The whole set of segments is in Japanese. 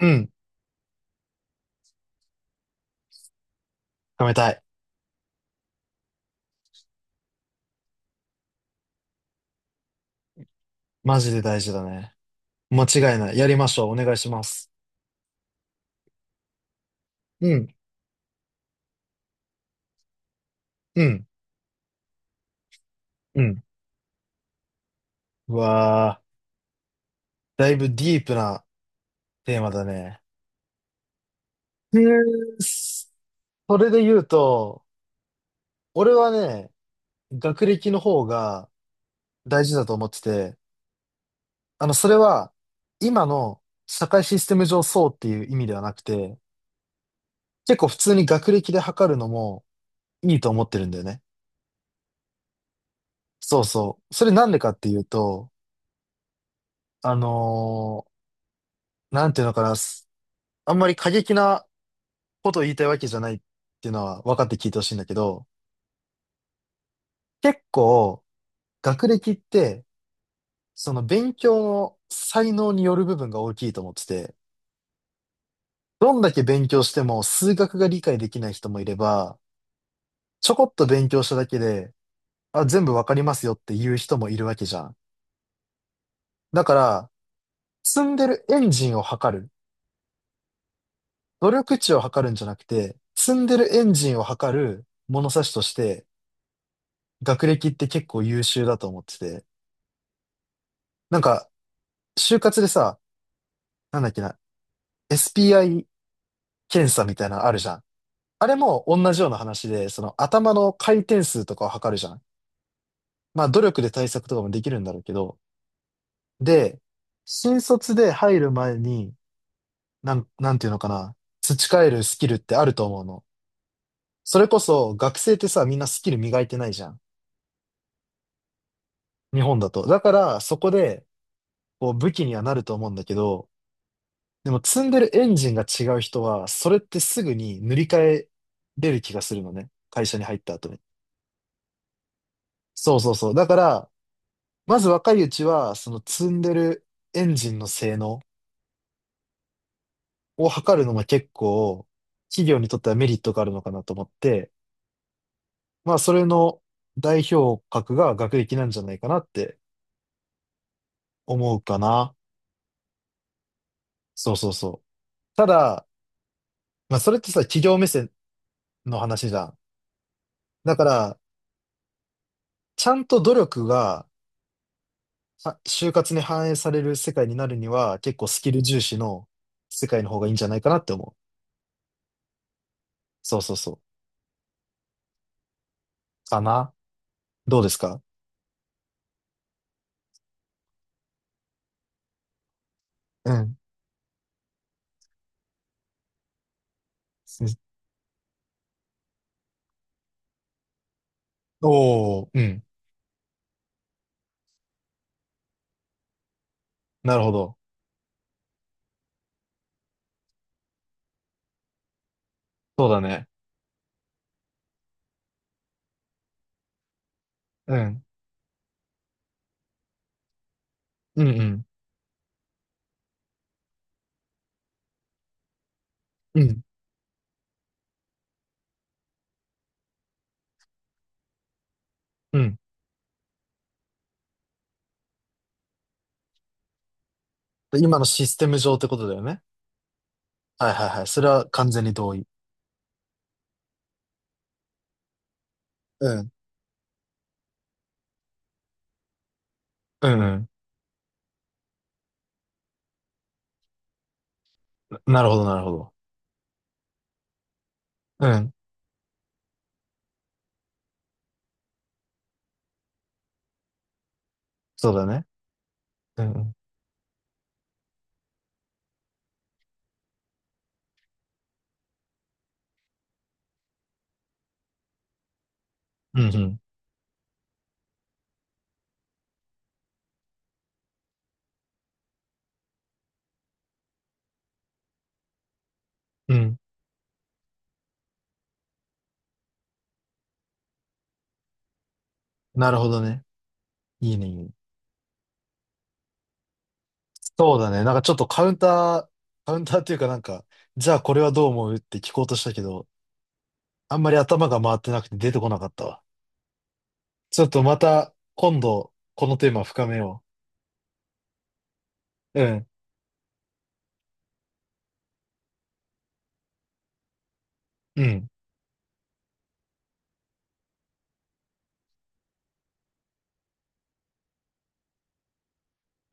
うん。貯めたい。マジで大事だね。間違いない。やりましょう。お願いします。うん、うん、うん。うわー、だいぶディープなテーマだね。えー、すそれで言うと、俺はね、学歴の方が大事だと思ってて、それは、今の社会システム上そうっていう意味ではなくて、結構普通に学歴で測るのもいいと思ってるんだよね。そうそう。それなんでかっていうと、あのーなんていうのかな。あんまり過激なことを言いたいわけじゃないっていうのは分かって聞いてほしいんだけど、結構学歴って、その勉強の才能による部分が大きいと思ってて、どんだけ勉強しても数学が理解できない人もいれば、ちょこっと勉強しただけで、あ、全部わかりますよっていう人もいるわけじゃん。だから、積んでるエンジンを測る、努力値を測るんじゃなくて、積んでるエンジンを測る物差しとして、学歴って結構優秀だと思ってて、なんか、就活でさ、なんだっけな、SPI 検査みたいなのあるじゃん。あれも同じような話で、その頭の回転数とかを測るじゃん。まあ努力で対策とかもできるんだろうけど。で、新卒で入る前に、なんていうのかな、培えるスキルってあると思うの。それこそ学生ってさ、みんなスキル磨いてないじゃん。日本だと。だからそこで、こう武器にはなると思うんだけど、でも積んでるエンジンが違う人は、それってすぐに塗り替えれる気がするのね。会社に入った後に。そうそうそう。だから、まず若いうちは、その積んでるエンジンの性能を測るのも結構、企業にとってはメリットがあるのかなと思って、まあ、それの代表格が学歴なんじゃないかなって思うかな。そうそうそう。ただ、まあ、それってさ、企業目線の話じゃん。だから、ちゃんと努力がは就活に反映される世界になるには、結構スキル重視の世界の方がいいんじゃないかなって思う。そうそうそう。かな。どうですか？うん。おおー、うん。なるほど。そうだね。うん。うんうん。うん。うん。で今のシステム上ってことだよね。はいはいはい。それは完全に同意。うん。うんうん。なるほどなるほど。うん。そうだね。うんうん。うんうん。うん。なるほどね。いいねいいね。そうだね。なんかちょっとカウンターっていうかなんか、じゃあこれはどう思うって聞こうとしたけど、あんまり頭が回ってなくて出てこなかったわ。ちょっとまた今度このテーマ深めよう。うん。うん。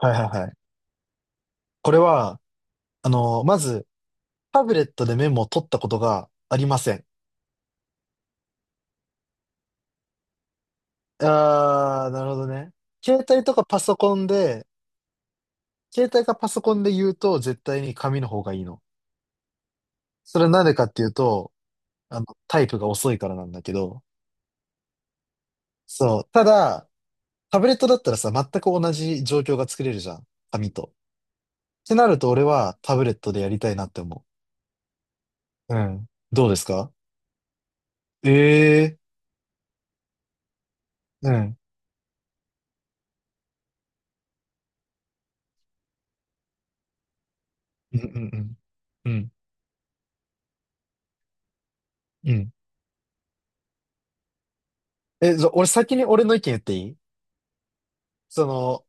はいはいはい。これは、まず、タブレットでメモを取ったことがありません。あー、なるほどね。携帯とかパソコンで、携帯かパソコンで言うと絶対に紙の方がいいの。それはなんでかっていうと、タイプが遅いからなんだけど、そう。ただ、タブレットだったらさ、全く同じ状況が作れるじゃん。紙と。ってなると俺はタブレットでやりたいなって思う。うん。どうですか？ええー。うん。うんうんうん。うん。うん。え、じゃあ俺先に俺の意見言っていい？その、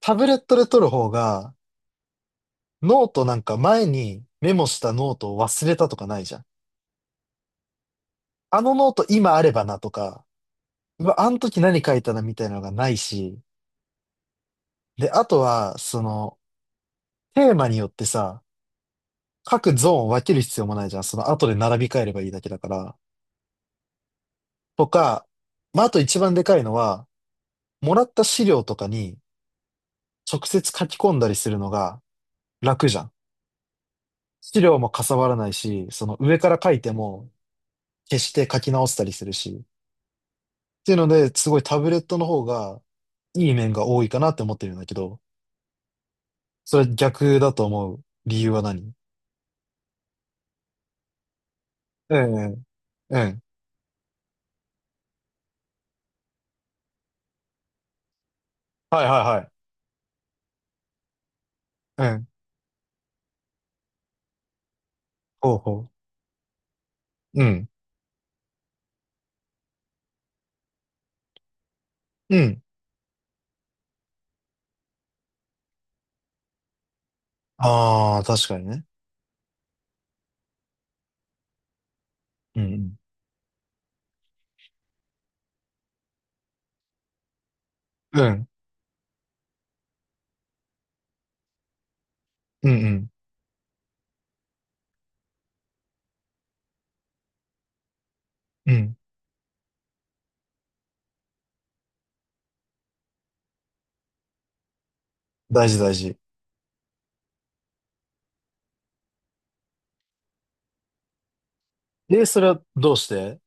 タブレットで取る方が、ノートなんか前にメモしたノートを忘れたとかないじゃん。あのノート今あればなとか、うわ、あの時何書いたなみたいなのがないし、で、あとは、その、テーマによってさ、各ゾーンを分ける必要もないじゃん。その後で並び替えればいいだけだから。とか、まあ、あと一番でかいのは、もらった資料とかに直接書き込んだりするのが楽じゃん。資料もかさばらないし、その上から書いても消して書き直したりするし。っていうので、すごいタブレットの方がいい面が多いかなって思ってるんだけど、それ逆だと思う理由は何？うんうん。うん。はいはいはい。うん。ほうほう。うん。うん。ああ、確かにね。うんうん。うん。うんうん。うん。大事大事。え、それはどうして？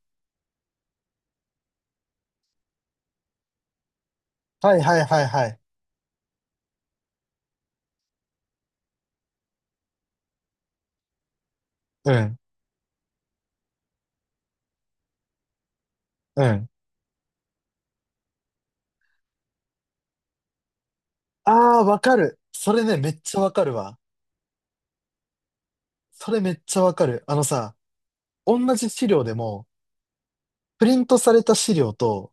はいはいはいはい。うん。うん。ああ、わかる。それね、めっちゃわかるわ。それめっちゃわかる。あのさ、同じ資料でも、プリントされた資料と、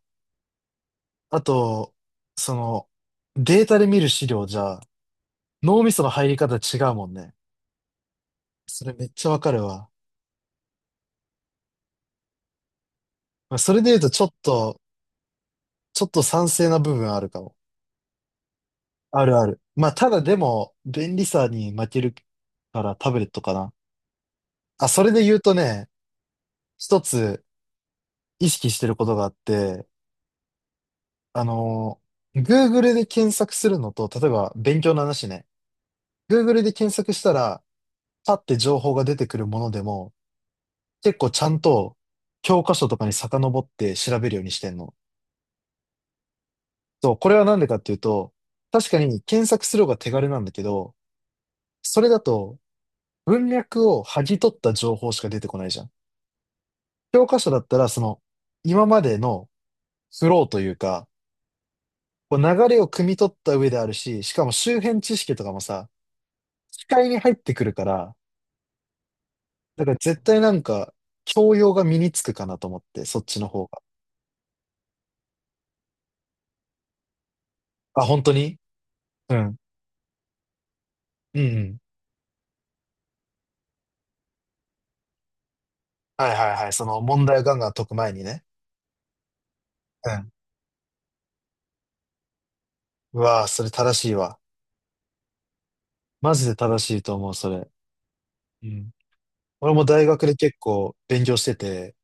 あと、その、データで見る資料じゃ、脳みその入り方違うもんね。それめっちゃわかるわ。まあそれで言うと、ちょっと賛成な部分あるかも。あるある。まあ、ただでも、便利さに負けるからタブレットかな。あ、それで言うとね、一つ意識してることがあって、あのGoogle で検索するのと、例えば勉強の話ね、Google で検索したら、パッて情報が出てくるものでも、結構ちゃんと教科書とかに遡って調べるようにしてんの。そう、これはなんでかっていうと、確かに検索する方が手軽なんだけど、それだと文脈を剥ぎ取った情報しか出てこないじゃん。教科書だったら、その、今までのフローというか、こう流れを汲み取った上であるし、しかも周辺知識とかもさ、視界に入ってくるから、だから絶対なんか、教養が身につくかなと思って、そっちの方が。あ、本当に？うん。うんうん。はいはいはい。その問題をガンガン解く前にね。うん。うわあ、それ正しいわ。マジで正しいと思う、それ。うん。俺も大学で結構勉強してて、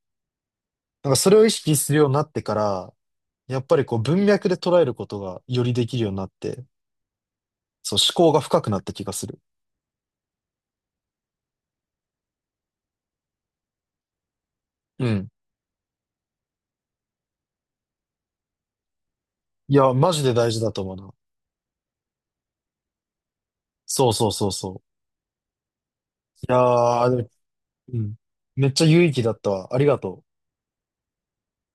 なんかそれを意識するようになってから、やっぱりこう文脈で捉えることがよりできるようになって、そう思考が深くなった気がする。うん。いや、マジで大事だと思うな。そうそうそうそう。いやー、でも、うん。めっちゃ有意義だったわ。ありがとう。